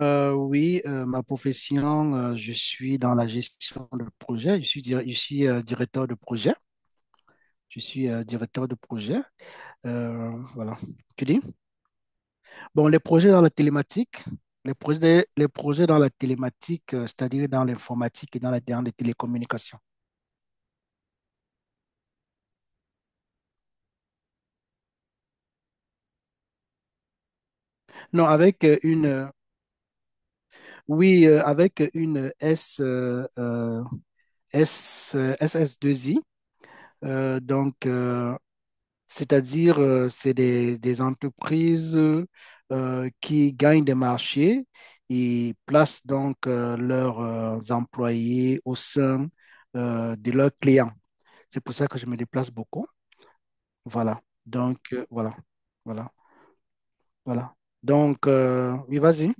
Oui, ma profession, je suis dans la gestion de projet. Je suis directeur de projet. Je suis directeur de projet. Voilà, tu dis. Bon, les projets dans la télématique, les projets dans la télématique, c'est-à-dire dans l'informatique et dans les télécommunications. Non, avec oui, avec une SS2I. Euh, donc, euh, C'est-à-dire, c'est des entreprises qui gagnent des marchés et placent donc leurs employés au sein de leurs clients. C'est pour ça que je me déplace beaucoup. Voilà. Voilà. Voilà. Voilà. Oui, vas-y.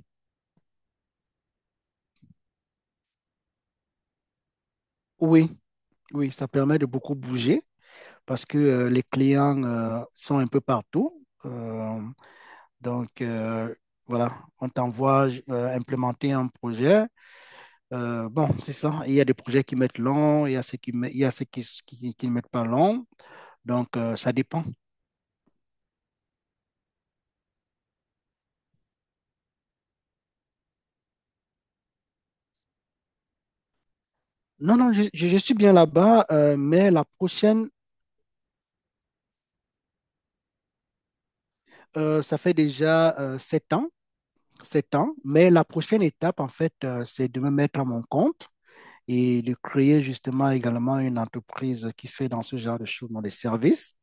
Oui, oui, ça permet de beaucoup bouger parce que les clients sont un peu partout. Donc, euh, voilà, on t'envoie implémenter un projet. Bon, c'est ça. Il y a des projets qui mettent long, il y a ceux qui, qui ne mettent pas long. Ça dépend. Non, non, je suis bien là-bas, mais la prochaine, ça fait déjà sept ans, sept ans. Mais la prochaine étape, en fait, c'est de me mettre à mon compte et de créer justement également une entreprise qui fait dans ce genre de choses, dans les services.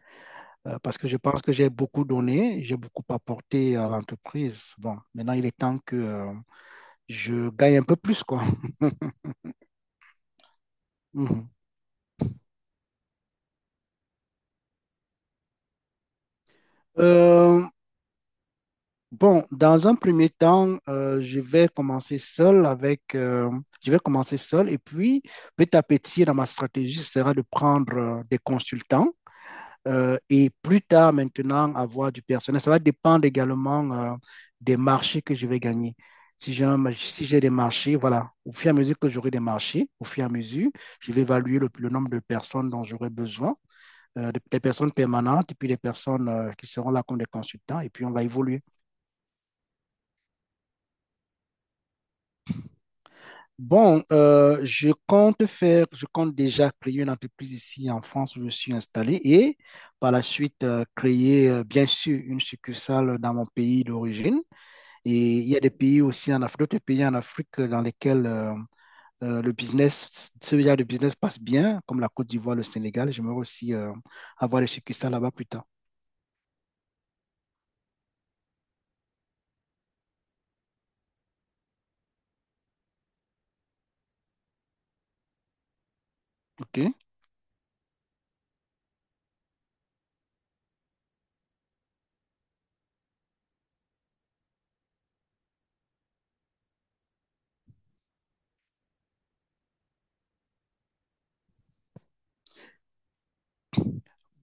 Parce que je pense que j'ai beaucoup donné, j'ai beaucoup apporté à l'entreprise. Bon, maintenant, il est temps que je gagne un peu plus, quoi. Euh, bon, dans un premier temps, je vais commencer seul je vais commencer seul et puis petit à petit, dans ma stratégie, ce sera de prendre des consultants et plus tard maintenant avoir du personnel. Ça va dépendre également des marchés que je vais gagner. Si j'ai des marchés, voilà, au fur et à mesure que j'aurai des marchés, au fur et à mesure, je vais évaluer le nombre de personnes dont j'aurai besoin, des personnes permanentes et puis des personnes qui seront là comme des consultants et puis on va évoluer. Je compte déjà créer une entreprise ici en France où je suis installé et par la suite créer bien sûr une succursale dans mon pays d'origine. Et il y a des pays aussi en Afrique, d'autres pays en Afrique dans lesquels le business, ce genre de business passe bien, comme la Côte d'Ivoire, le Sénégal. J'aimerais aussi avoir des succursales là-bas plus tard. OK?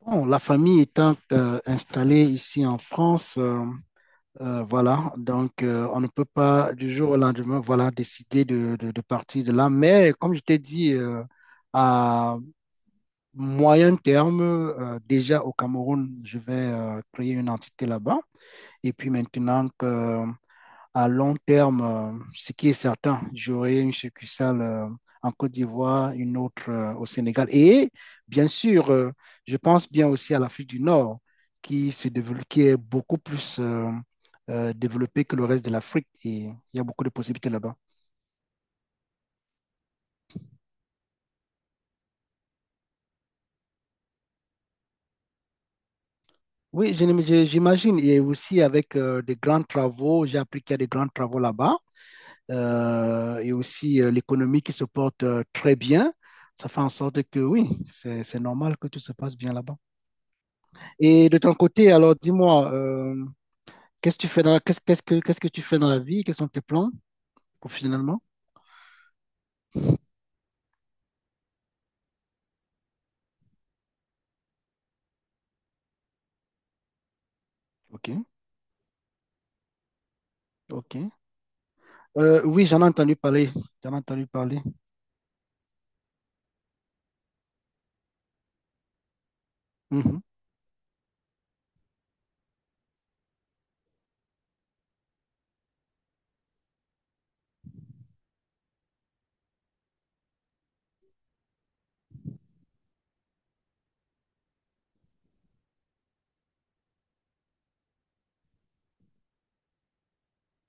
Bon, la famille étant installée ici en France. Voilà, on ne peut pas du jour au lendemain, voilà, décider de partir de là. Mais comme je t'ai dit, à moyen terme, déjà au Cameroun, je vais créer une entité là-bas. Et puis maintenant que à long terme, ce qui est certain, j'aurai une succursale en Côte d'Ivoire, une autre au Sénégal. Et bien sûr, je pense bien aussi à l'Afrique du Nord, qui se développe, qui est beaucoup plus développée que le reste de l'Afrique. Et il y a beaucoup de possibilités là-bas. J'imagine. Et aussi avec des grands travaux, j'ai appris qu'il y a des grands travaux là-bas. Et aussi l'économie qui se porte très bien. Ça fait en sorte que oui, c'est normal que tout se passe bien là-bas. Et de ton côté, alors dis-moi, qu'est-ce que tu fais dans la- qu'est-ce, qu'est-ce que tu fais dans la vie? Quels sont tes plans professionnellement? Ok, ok. Oui, j'en ai entendu parler. J'en ai entendu parler. Mhm.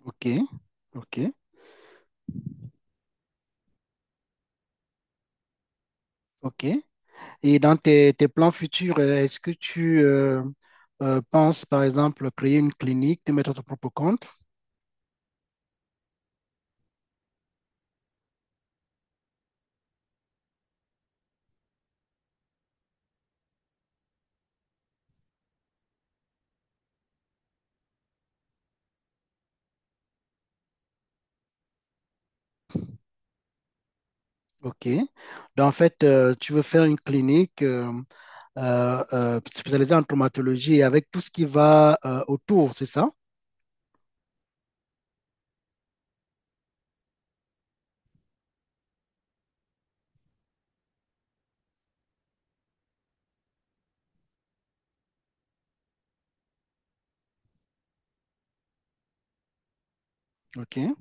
Ok, ok, ok. Et dans tes plans futurs, est-ce que tu penses, par exemple, créer une clinique, te mettre à ton propre compte? OK. Donc, en fait, tu veux faire une clinique spécialisée en traumatologie et avec tout ce qui va autour, c'est ça? OK.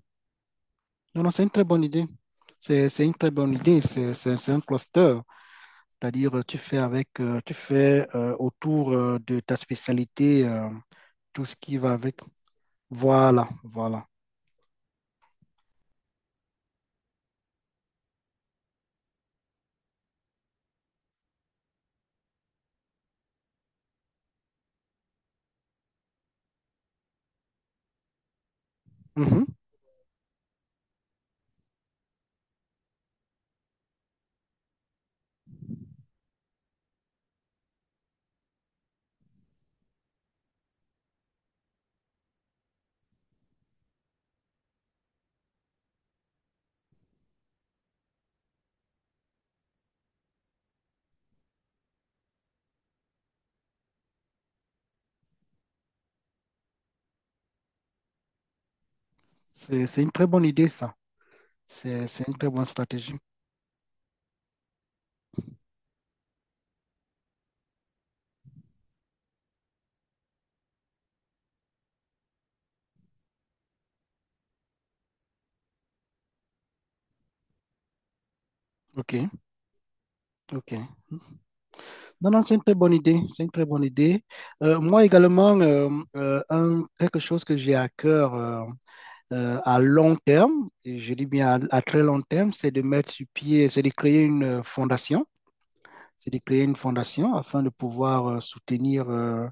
Non, non, c'est une très bonne idée. C'est une très bonne idée. C'est c'est un cluster. C'est-à-dire, tu fais tu fais autour de ta spécialité tout ce qui va avec. Voilà, voilà. Mhm. C'est une très bonne idée, ça. C'est une très bonne stratégie. Ok, ok. Non, non, c'est une très bonne idée. C'est une très bonne idée. Moi également, quelque chose que j'ai à cœur à long terme, et je dis bien à très long terme, c'est de mettre sur pied, c'est de créer une fondation. C'est de créer une fondation afin de pouvoir soutenir euh,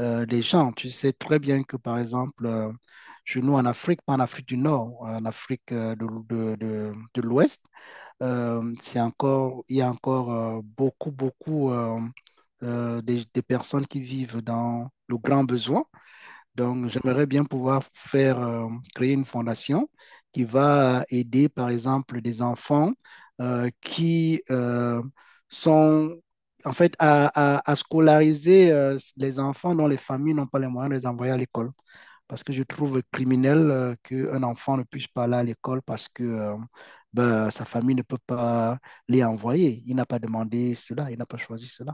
euh, les gens. Tu sais très bien que, par exemple, chez nous en Afrique, pas en Afrique du Nord, en Afrique de l'Ouest, c'est encore, il y a encore beaucoup, beaucoup des personnes qui vivent dans le grand besoin. Donc, j'aimerais bien pouvoir faire créer une fondation qui va aider, par exemple, des enfants qui sont, en fait, à scolariser les enfants dont les familles n'ont pas les moyens de les envoyer à l'école. Parce que je trouve criminel qu'un enfant ne puisse pas aller à l'école parce que ben, sa famille ne peut pas les envoyer. Il n'a pas demandé cela, il n'a pas choisi cela.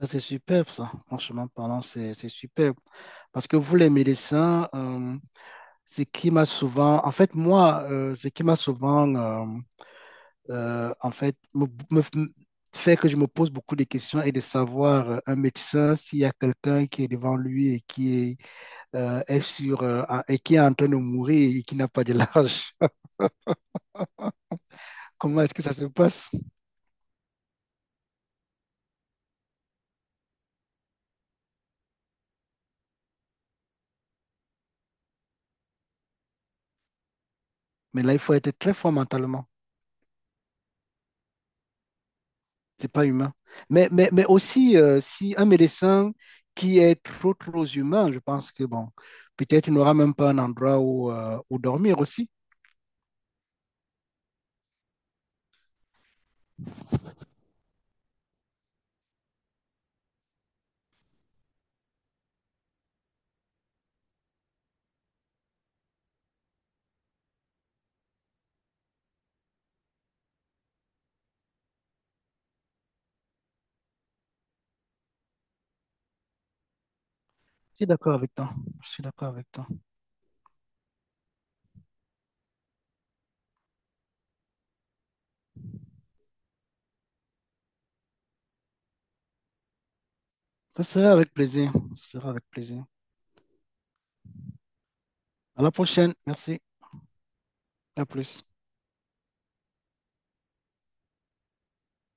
Ça, c'est superbe, ça. Franchement parlant, c'est superbe. Parce que vous, les médecins, ce qui m'a souvent, en fait, ce qui m'a souvent, en fait, me fait que je me pose beaucoup de questions et de savoir un médecin s'il y a quelqu'un qui est devant lui et qui et qui est en train de mourir et qui n'a pas de large. Comment est-ce que ça se passe? Mais là, il faut être très fort mentalement. C'est pas humain. Mais aussi, si un médecin qui est trop, trop humain, je pense que, bon, peut-être il n'aura même pas un endroit où, où dormir aussi. Je suis d'accord avec toi. Je suis d'accord avec toi. Ce sera avec plaisir. Ce sera avec plaisir. À la prochaine. Merci. À plus.